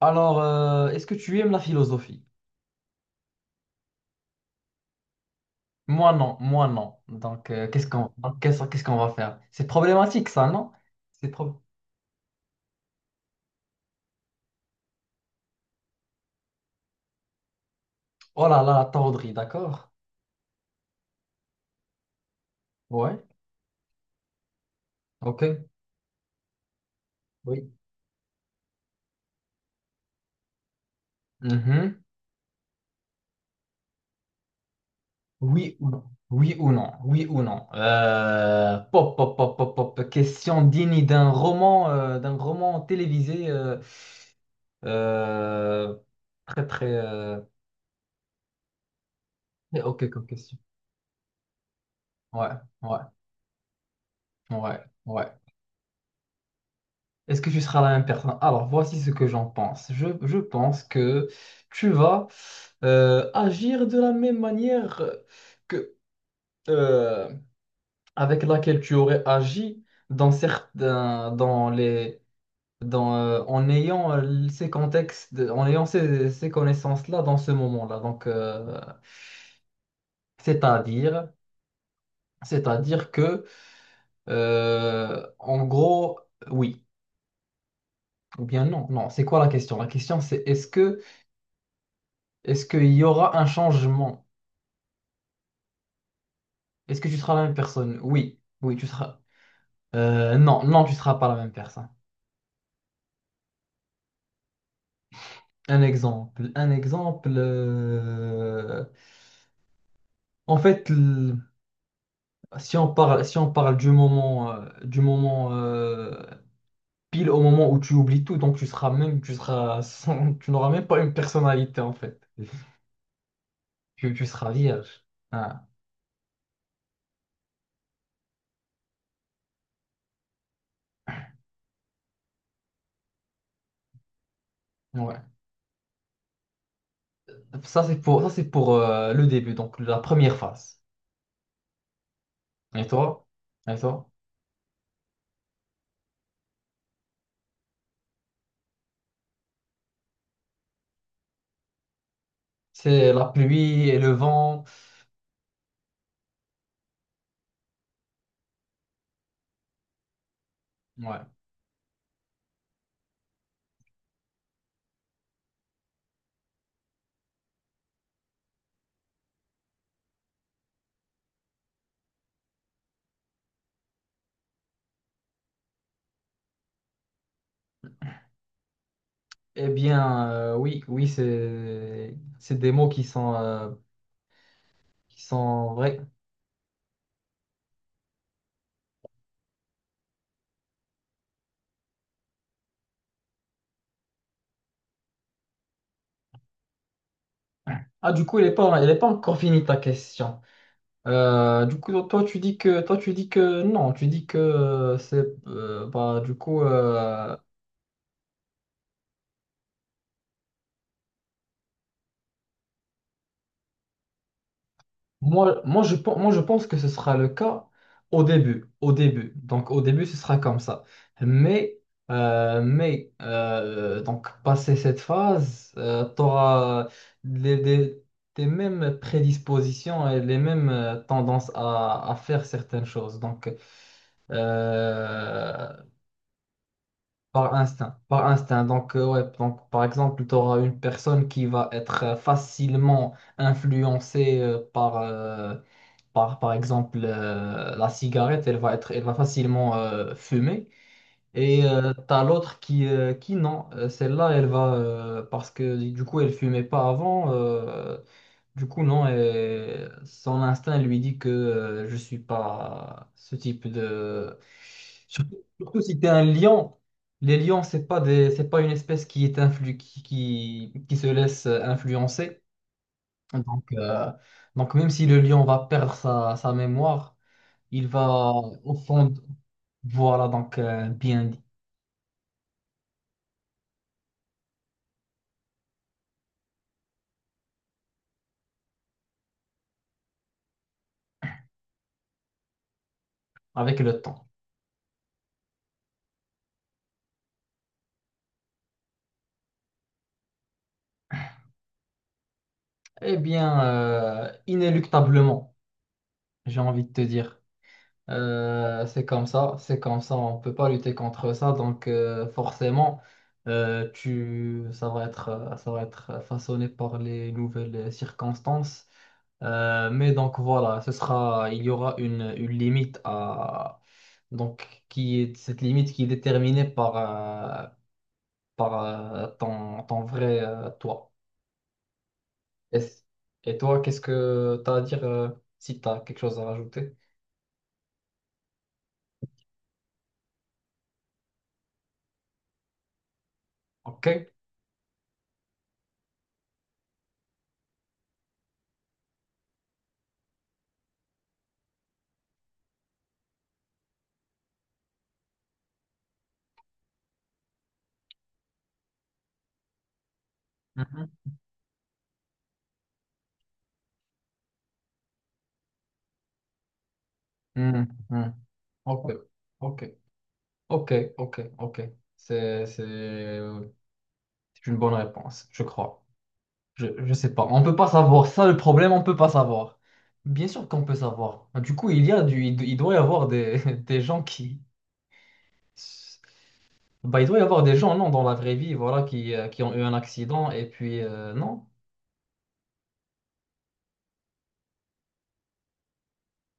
Alors, est-ce que tu aimes la philosophie? Moi, non, moi, non. Donc, qu'est-ce qu'est-ce qu'on va faire? C'est problématique, ça, non? C'est pro- Oh là là, la tordrie, d'accord? Ouais, ok. Oui. Mhm. Oui ou non? Oui ou non? Oui ou non? Pop, pop, pop, pop, pop. Question digne d'un roman télévisé. Euh, très, très... très ok comme question. Ouais, ouais, ouais, ouais. Est-ce que tu seras la même personne? Alors, voici ce que j'en pense. Je pense que tu vas agir de la même manière que euh, avec laquelle tu aurais agi dans certains, dans les, dans, en ayant ces contextes, en ayant ces connaissances-là dans ce moment-là. Donc, c'est-à-dire, c'est-à-dire que, en gros, oui ou bien non. Non, c'est quoi la question? La question, c'est est-ce que est-ce qu'il y aura un changement? Est-ce que tu seras la même personne? Oui. Oui, tu seras. Non, non, tu seras pas la même personne. Un exemple. Un exemple. En fait, l- si on parle, si on parle du moment pile au moment où tu oublies tout, donc tu seras même, tu seras sans- tu n'auras même pas une personnalité en fait. Tu seras vierge. Ah, ouais. Ça, c'est pour le début, donc la première phase. Et toi? Et toi? C'est la pluie et le vent. Ouais. Eh bien, oui, oui, c'est des mots qui sont vrais. Ah, du coup, il est pas encore fini ta question. Du coup, toi, tu dis que non, tu dis que c'est bah du coup moi, moi, je pense que ce sera le cas au début. Au début. Donc, au début, ce sera comme ça. Mais, donc, passé cette phase, tu auras les, les- tes mêmes prédispositions et les mêmes tendances à faire certaines choses. Donc, euh, par instinct. Par instinct. Donc, ouais, donc, par exemple, tu auras une personne qui va être facilement influencée par. Par exemple, la cigarette, elle va facilement fumer. Et t'as l'autre qui non, celle-là, elle va, parce que du coup, elle fumait pas avant. Du coup, non, et son instinct lui dit que je suis pas ce type de... Surtout, surtout si t'es un lion. Les lions, c'est pas une espèce qui est qui se laisse influencer. Donc, euh, donc même si le lion va perdre sa mémoire, il va au fond. Voilà donc bien dit, avec le temps. Eh bien, inéluctablement, j'ai envie de te dire. C'est comme ça, on peut pas lutter contre ça. Donc forcément, ça va être façonné par les nouvelles circonstances. Mais donc voilà, il y aura une limite à donc qui est cette limite qui est déterminée par, ton, ton vrai toi. Et, et toi, qu'est-ce que tu as à dire si tu as quelque chose à rajouter? OK? Mhm. Mhm. Mhm. OK. OK. OK. OK. OK. C'est, c'est euh, c'est une bonne réponse, je crois. Je sais pas. On peut pas savoir. Ça, le problème, on peut pas savoir. Bien sûr qu'on peut savoir. Du coup, il doit y avoir des, des gens qui. Bah, il doit y avoir des gens, non, dans la vraie vie, voilà, qui ont eu un accident et puis, non.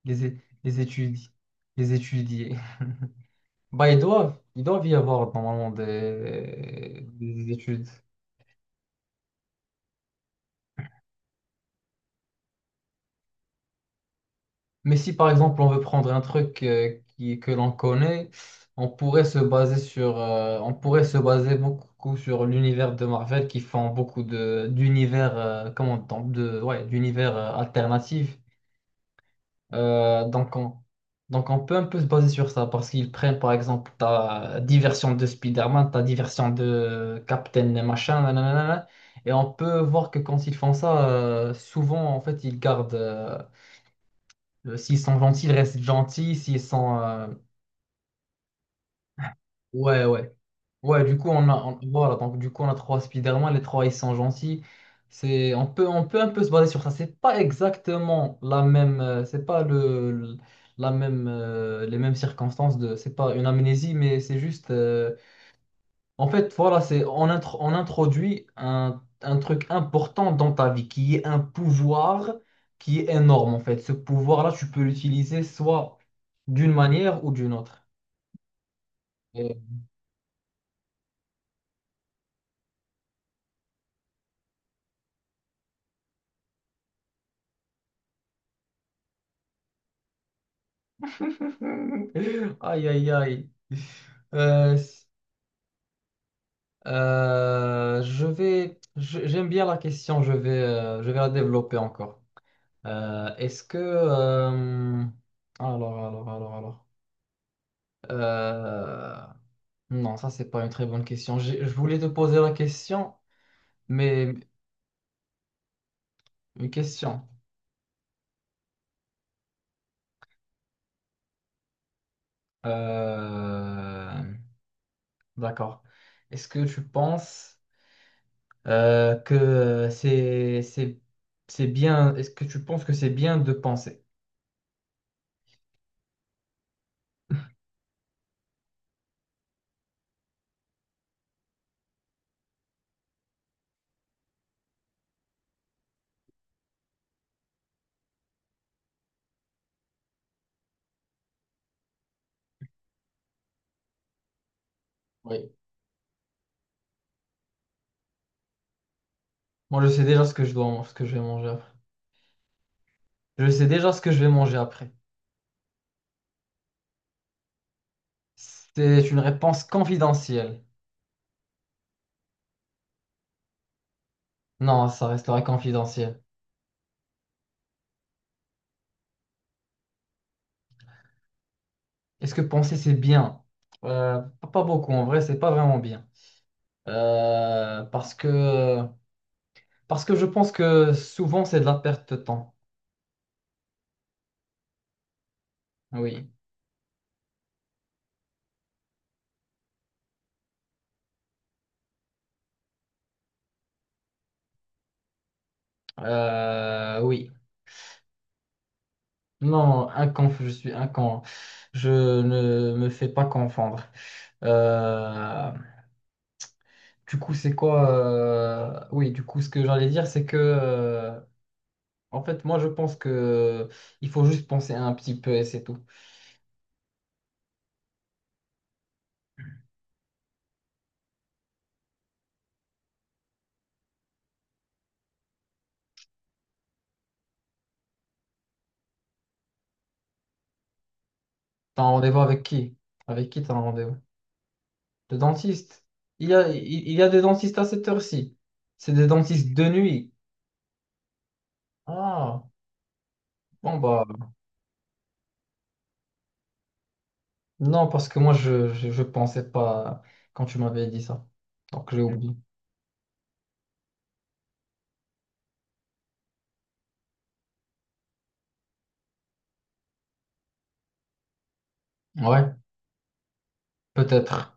les, é- les étudier, les étudier. Bah, ils doivent y avoir normalement des études. Mais si par exemple on veut prendre un truc que l'on connaît, on pourrait se baser sur, on pourrait se baser beaucoup sur l'univers de Marvel qui font beaucoup de d'univers, comment on dit, de, ouais, d'univers alternatifs Euh, donc, on, donc, on peut un peu se baser sur ça parce qu'ils prennent par exemple ta diversion de Spider-Man, ta diversion de Captain et machin, nanana, nanana. Et on peut voir que quand ils font ça, souvent en fait ils gardent. S'ils sont gentils, ils restent gentils. S'ils sont. Ouais, ouais. Ouais, du coup, voilà, donc du coup, on a trois Spider-Man, les trois, ils sont gentils. On peut un peu se baser sur ça. C'est pas exactement la même, c'est pas le, le- la même, les mêmes circonstances de, c'est pas une amnésie, mais c'est juste, en fait, voilà, on introduit un truc important dans ta vie, qui est un pouvoir qui est énorme, en fait. Ce pouvoir-là, tu peux l'utiliser soit d'une manière ou d'une autre. Et- Aïe, aïe, aïe. Euh, je vais, j'aime bien la question, je vais la développer encore. Euh, est-ce que, euh, alors, Euh, non, ça c'est pas une très bonne question. Je voulais te poser la question, mais une question. Euh, d'accord. Est-ce que tu penses euh, que c'est, c'est, c'est bien, est-ce que tu penses que c'est bien de penser? Oui. Moi, je sais déjà ce que je vais manger après. Je sais déjà ce que je vais manger après. C'est une réponse confidentielle. Non, ça restera confidentiel. Est-ce que penser c'est bien? Pas beaucoup, en vrai, c'est pas vraiment bien. Euh, parce que, parce que je pense que souvent c'est de la perte de temps. Oui. Oui. Non, un conf, je suis un con. Je ne me fais pas confondre. Euh, du coup, c'est quoi? Oui, du coup, ce que j'allais dire, c'est que. En fait, moi, je pense que il faut juste penser un petit peu et c'est tout. T'as un rendez-vous avec qui? Avec qui t'as un rendez-vous? Le dentiste. Il y a, il, il y a des dentistes à cette heure-ci. C'est des dentistes de nuit. Ah, bon, bah, non, parce que moi, je pensais pas quand tu m'avais dit ça. Donc, j'ai oublié. Ouais, peut-être.